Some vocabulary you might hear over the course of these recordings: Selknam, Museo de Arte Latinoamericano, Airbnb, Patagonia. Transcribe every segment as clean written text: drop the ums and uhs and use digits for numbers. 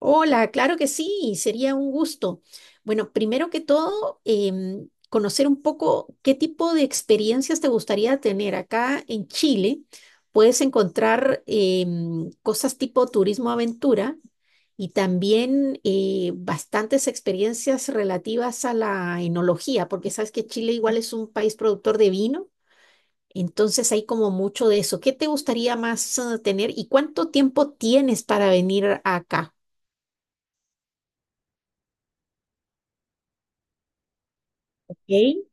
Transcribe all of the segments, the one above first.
Hola, claro que sí, sería un gusto. Bueno, primero que todo, conocer un poco qué tipo de experiencias te gustaría tener. Acá en Chile puedes encontrar cosas tipo turismo aventura y también bastantes experiencias relativas a la enología, porque sabes que Chile igual es un país productor de vino, entonces hay como mucho de eso. ¿Qué te gustaría más tener y cuánto tiempo tienes para venir acá? Ok.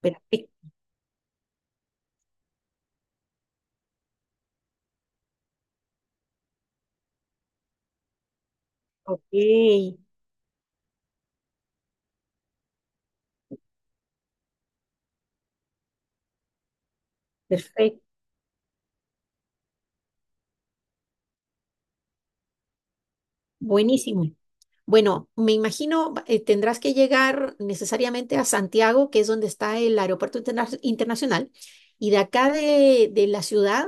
Perfecto, ok, perfecto, buenísimo. Bueno, me imagino tendrás que llegar necesariamente a Santiago, que es donde está el aeropuerto internacional, y de acá de la ciudad,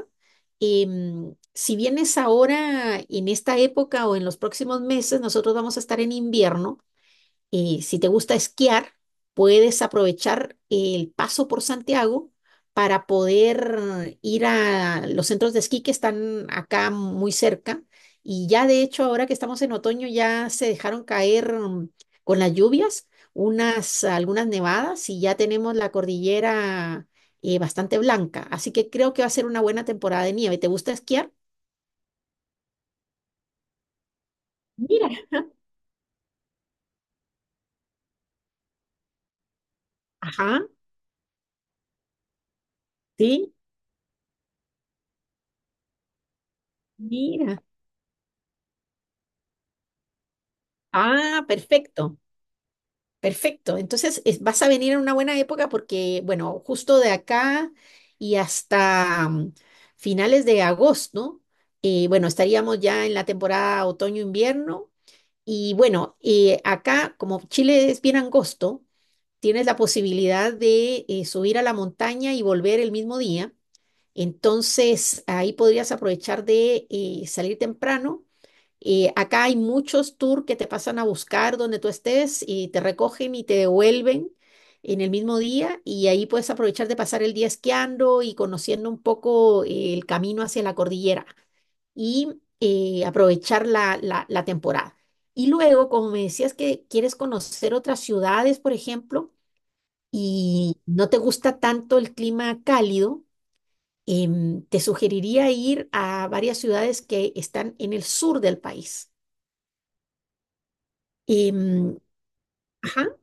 si vienes ahora en esta época o en los próximos meses, nosotros vamos a estar en invierno. Si te gusta esquiar, puedes aprovechar el paso por Santiago para poder ir a los centros de esquí que están acá muy cerca. Y ya de hecho, ahora que estamos en otoño, ya se dejaron caer con las lluvias algunas nevadas y ya tenemos la cordillera bastante blanca. Así que creo que va a ser una buena temporada de nieve. ¿Te gusta esquiar? Mira, ajá, sí, mira. Ah, perfecto. Perfecto. Entonces, vas a venir en una buena época porque, bueno, justo de acá y hasta finales de agosto, bueno, estaríamos ya en la temporada otoño-invierno. Y bueno, acá, como Chile es bien angosto, tienes la posibilidad de subir a la montaña y volver el mismo día. Entonces, ahí podrías aprovechar de salir temprano y acá hay muchos tours que te pasan a buscar donde tú estés y te recogen y te devuelven en el mismo día y ahí puedes aprovechar de pasar el día esquiando y conociendo un poco el camino hacia la cordillera y aprovechar la temporada. Y luego, como me decías que quieres conocer otras ciudades, por ejemplo, y no te gusta tanto el clima cálido, te sugeriría ir a varias ciudades que están en el sur del país. Em, ajá.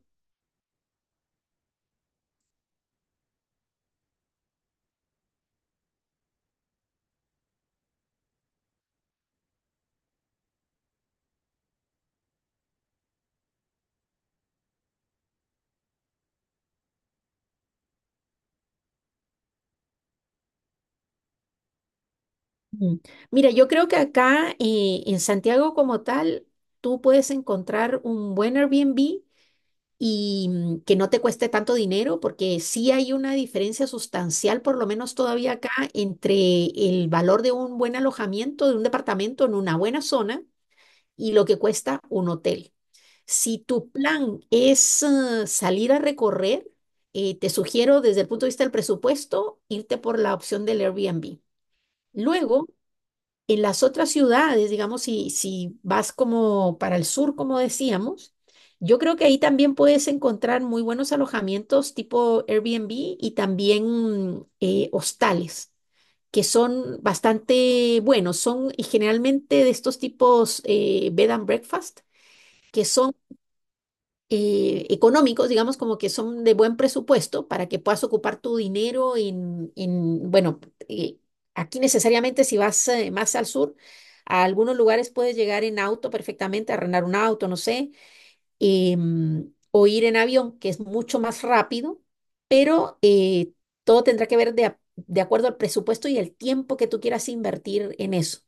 Mm. Mira, yo creo que acá en Santiago como tal, tú puedes encontrar un buen Airbnb y que no te cueste tanto dinero, porque sí hay una diferencia sustancial, por lo menos todavía acá, entre el valor de un buen alojamiento, de un departamento en una buena zona y lo que cuesta un hotel. Si tu plan es salir a recorrer, te sugiero desde el punto de vista del presupuesto irte por la opción del Airbnb. Luego, en las otras ciudades, digamos, si vas como para el sur, como decíamos, yo creo que ahí también puedes encontrar muy buenos alojamientos tipo Airbnb y también hostales que son bastante buenos, son y generalmente de estos tipos bed and breakfast, que son económicos, digamos como que son de buen presupuesto para que puedas ocupar tu dinero en bueno, eh, aquí necesariamente si vas más al sur, a algunos lugares puedes llegar en auto perfectamente, arrendar un auto, no sé, o ir en avión, que es mucho más rápido, pero todo tendrá que ver de acuerdo al presupuesto y el tiempo que tú quieras invertir en eso.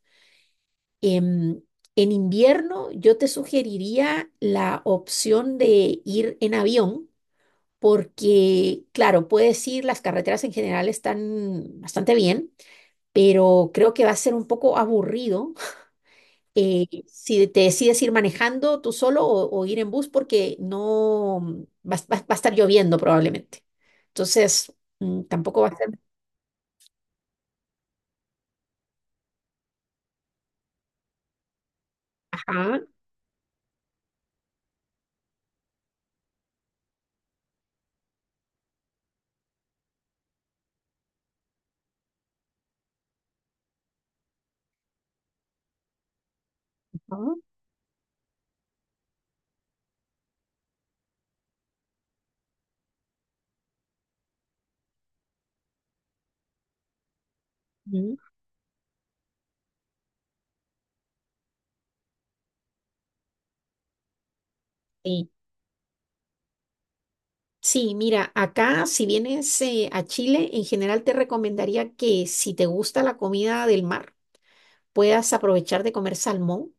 Em, en invierno yo te sugeriría la opción de ir en avión porque, claro, puedes ir, las carreteras en general están bastante bien, pero creo que va a ser un poco aburrido si te decides ir manejando tú solo o ir en bus porque no va a estar lloviendo probablemente. Entonces, tampoco va a ser... Ajá, ajá, mm, sí. Sí, mira, acá si vienes a Chile, en general te recomendaría que si te gusta la comida del mar, puedas aprovechar de comer salmón.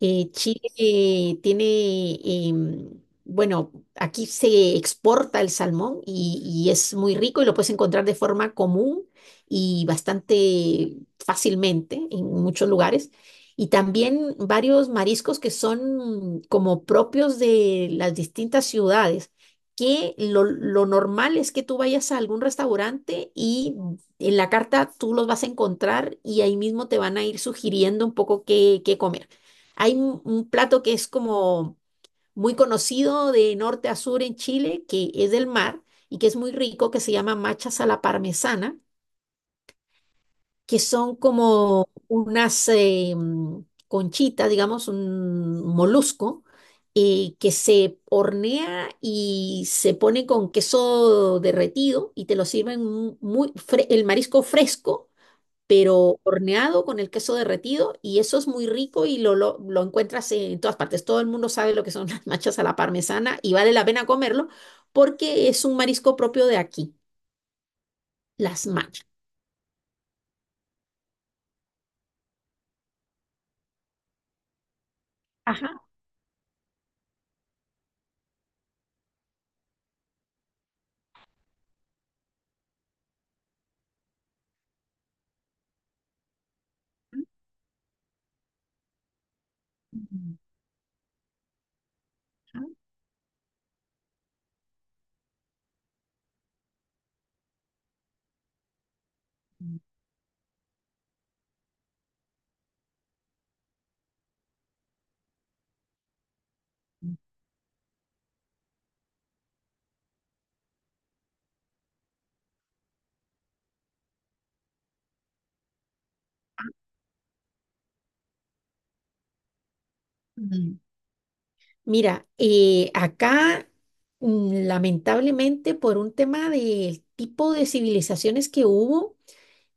Chile tiene, bueno, aquí se exporta el salmón y es muy rico y lo puedes encontrar de forma común y bastante fácilmente en muchos lugares. Y también varios mariscos que son como propios de las distintas ciudades, que lo normal es que tú vayas a algún restaurante y en la carta tú los vas a encontrar y ahí mismo te van a ir sugiriendo un poco qué, qué comer. Hay un plato que es como muy conocido de norte a sur en Chile, que es del mar y que es muy rico, que se llama machas a la parmesana, que son como unas conchitas, digamos, un molusco, que se hornea y se pone con queso derretido y te lo sirven muy, el marisco fresco pero horneado con el queso derretido y eso es muy rico y lo encuentras en todas partes. Todo el mundo sabe lo que son las machas a la parmesana y vale la pena comerlo porque es un marisco propio de aquí, las machas. Ajá. Ajá. Mm. Mira, acá lamentablemente por un tema del tipo de civilizaciones que hubo,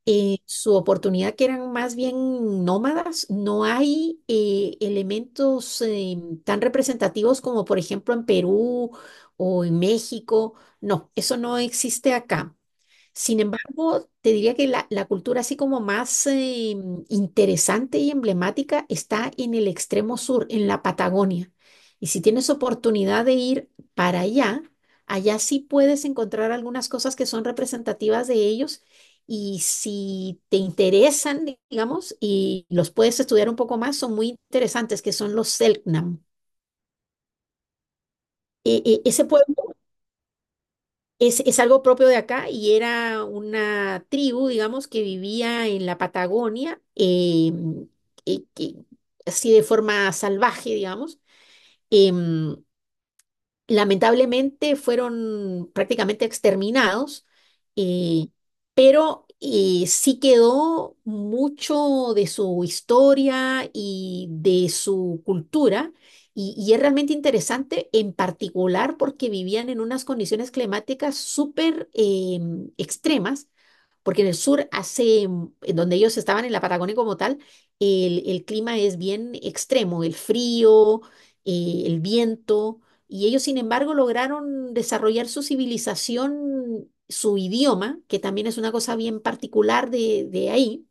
su oportunidad, que eran más bien nómadas, no hay elementos tan representativos como por ejemplo en Perú o en México. No, eso no existe acá. Sin embargo, te diría que la cultura así como más interesante y emblemática está en el extremo sur, en la Patagonia. Y si tienes oportunidad de ir para allá, allá sí puedes encontrar algunas cosas que son representativas de ellos. Y si te interesan, digamos, y los puedes estudiar un poco más, son muy interesantes, que son los Selknam. Ese pueblo es algo propio de acá y era una tribu, digamos, que vivía en la Patagonia, que- que- así de forma salvaje, digamos. Em, lamentablemente fueron prácticamente exterminados, eh, pero sí quedó mucho de su historia y de su cultura, y es realmente interesante, en particular porque vivían en unas condiciones climáticas súper extremas porque en el sur en donde ellos estaban en la Patagonia como tal, el clima es bien extremo, el frío, el viento, y ellos sin embargo lograron desarrollar su civilización, su idioma, que también es una cosa bien particular de ahí,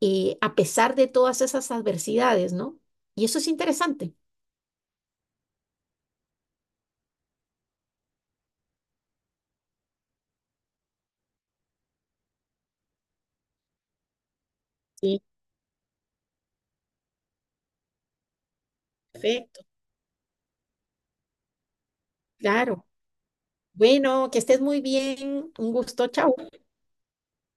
a pesar de todas esas adversidades, ¿no? Y eso es interesante. Sí, perfecto. Claro. Bueno, que estés muy bien. Un gusto. Chao.